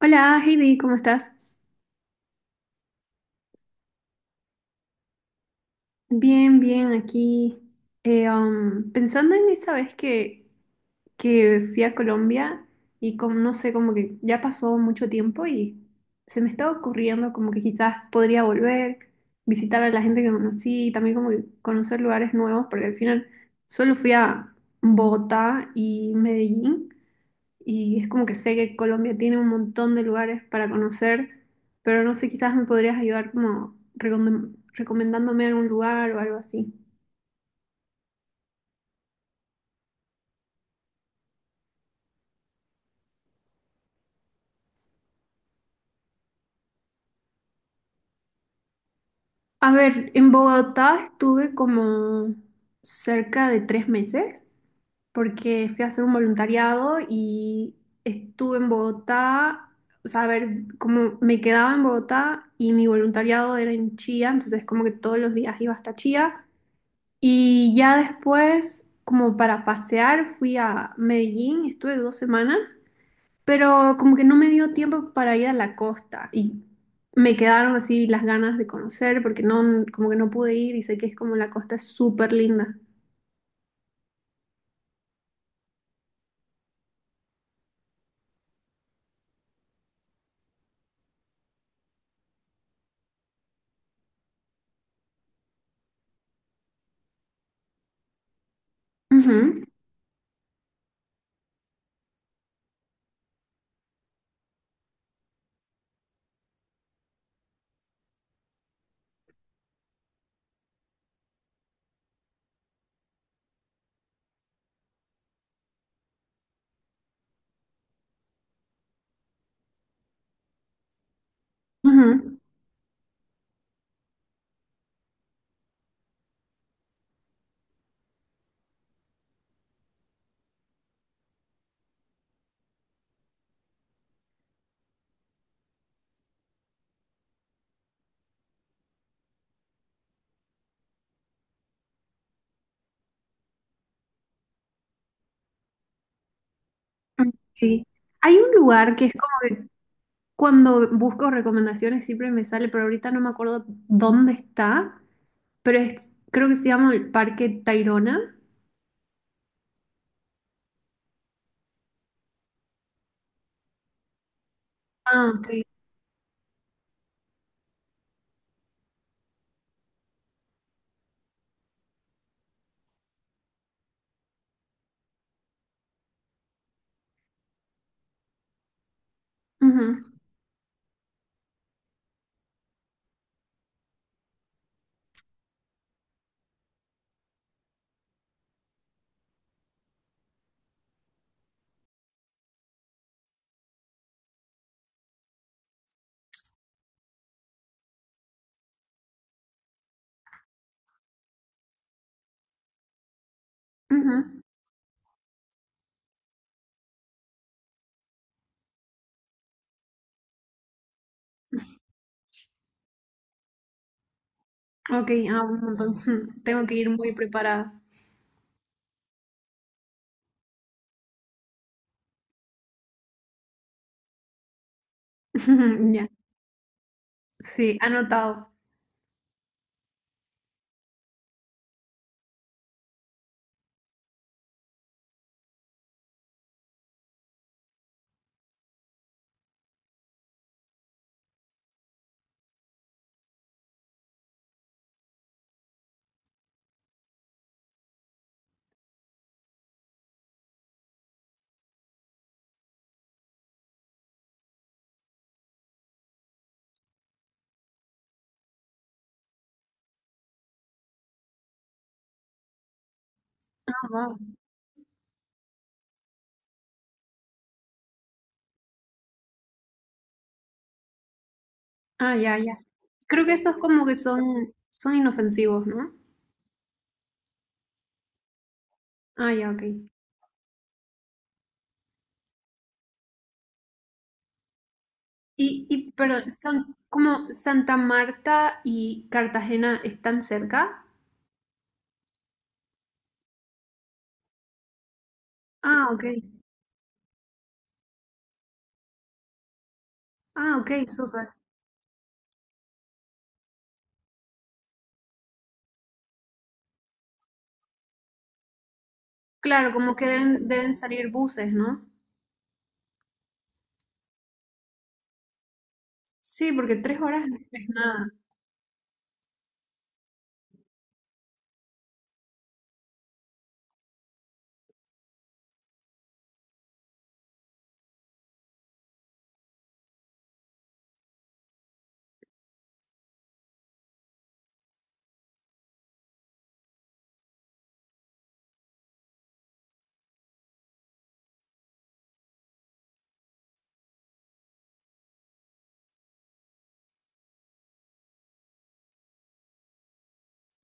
Hola Heidi, ¿cómo estás? Bien, bien, aquí pensando en esa que fui a Colombia y como, no sé, como que ya pasó mucho tiempo y se me estaba ocurriendo como que quizás podría volver, visitar a la gente que conocí y también como que conocer lugares nuevos porque al final solo fui a Bogotá y Medellín y es como que sé que Colombia tiene un montón de lugares para conocer, pero no sé, quizás me podrías ayudar como recomendándome algún lugar o algo así. A ver, en Bogotá estuve como cerca de 3 meses porque fui a hacer un voluntariado y estuve en Bogotá, o sea, a ver, como me quedaba en Bogotá y mi voluntariado era en Chía, entonces como que todos los días iba hasta Chía. Y ya después, como para pasear, fui a Medellín, estuve 2 semanas, pero como que no me dio tiempo para ir a la costa y me quedaron así las ganas de conocer porque no, como que no pude ir y sé que es como la costa es súper linda. Ujú, ujú, sí. Hay un lugar que es como que cuando busco recomendaciones siempre me sale, pero ahorita no me acuerdo dónde está, pero es, creo que se llama el Parque Tayrona. Ah, ok. Ujú, ujú. Ok, ah, un montón. Tengo que ir muy preparada. Ya, sí, anotado. Ah, wow. Ah, ya, ya. Creo que esos como que son inofensivos, ¿no? Ah, ya, ok. Pero son como Santa Marta y Cartagena están cerca. Ah, ok. Ah, ok, súper. Claro, como que deben salir buses, ¿no? Sí, porque 3 horas no es nada.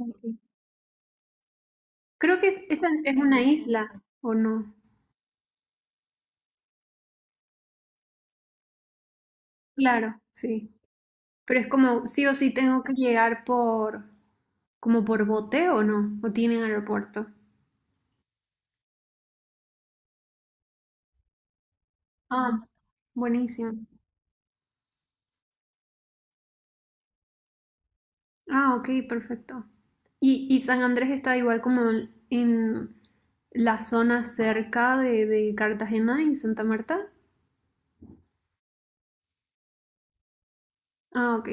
Ok. Creo que es, esa es una isla, ¿o no? Claro, sí. Pero es como, sí o sí tengo que llegar por, como por bote o ¿no? ¿O tienen aeropuerto? Ah, buenísimo. Ah, ok, perfecto. San Andrés está igual como en la zona cerca de Cartagena y Santa Marta. Ah, ok.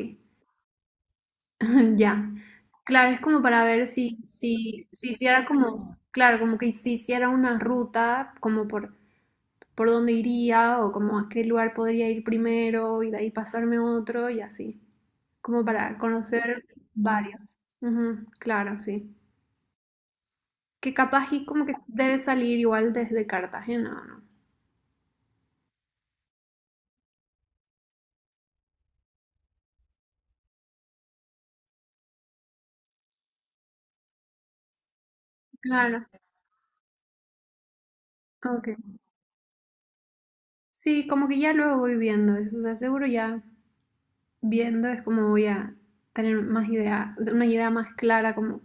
Ya. Claro, es como para ver si hiciera como, claro, como que si hiciera una ruta como por dónde iría o como a qué lugar podría ir primero y de ahí pasarme a otro y así, como para conocer varios. Ujú, claro, sí. Que capaz y como que debe salir igual desde Cartagena, ¿o ¿no? Claro, ok. Sí, como que ya luego voy viendo eso, o sea, seguro ya viendo es como voy a tener más idea, o sea, una idea más clara como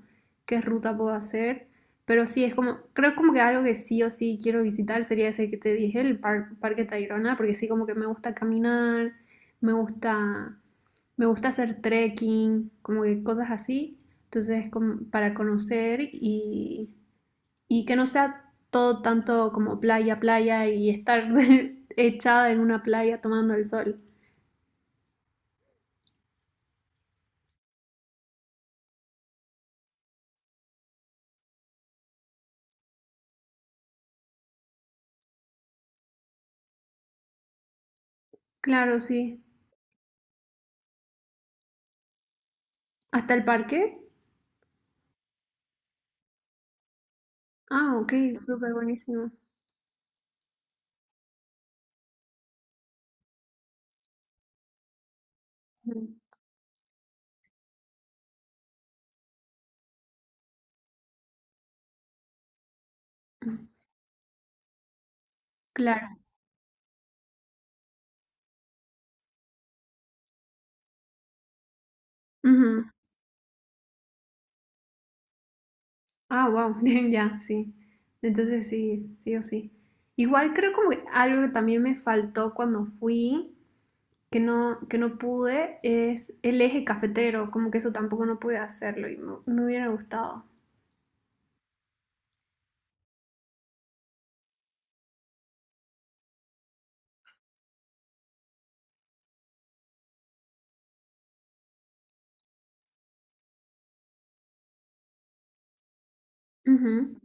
qué ruta puedo hacer. Pero sí, es como, creo como que algo que sí o sí quiero visitar sería ese que te dije, el Parque Tayrona, porque sí como que me gusta caminar, me gusta, me gusta hacer trekking, como que cosas así. Entonces, como para conocer y que no sea todo tanto como playa, playa y estar echada en una playa tomando el sol. Claro, sí. Hasta el parque. Ah, ok, súper buenísimo. Ujú. Claro. Ujú. Ah, wow, ya, sí. Entonces sí, sí o sí. Igual creo como que algo que también me faltó cuando fui, que no pude, es el eje cafetero, como que eso tampoco no pude hacerlo y me hubiera gustado. Ujú.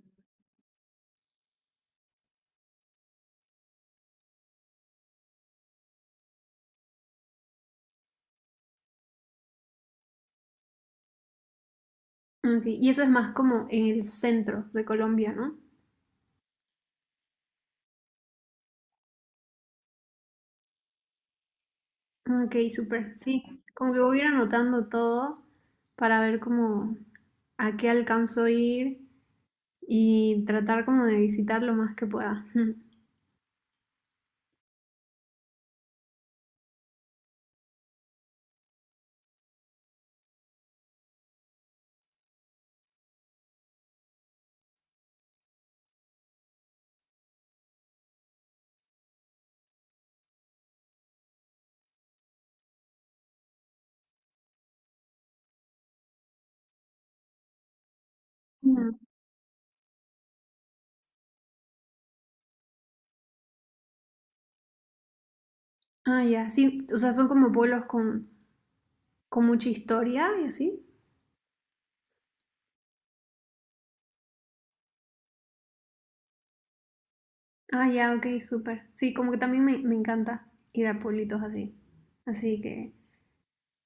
Ok, y eso es más como en el centro de Colombia, ¿no? Ah, ok, súper, sí. Como que voy a ir anotando todo para ver cómo a qué alcanzó ir y tratar como de visitar lo más que pueda. Mm. Ah, ya, sí, o sea, son como pueblos con mucha historia y así. Ah, ya, ok, súper. Sí, como que también me encanta ir a pueblitos así. Así que,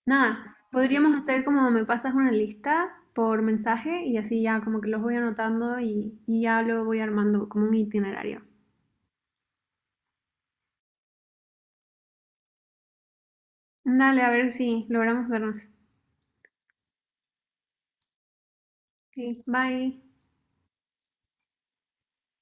nada, podríamos hacer como me pasas una lista por mensaje y así ya como que los voy anotando y ya lo voy armando como un itinerario. Dale, a ver si logramos vernos. Ok, bye.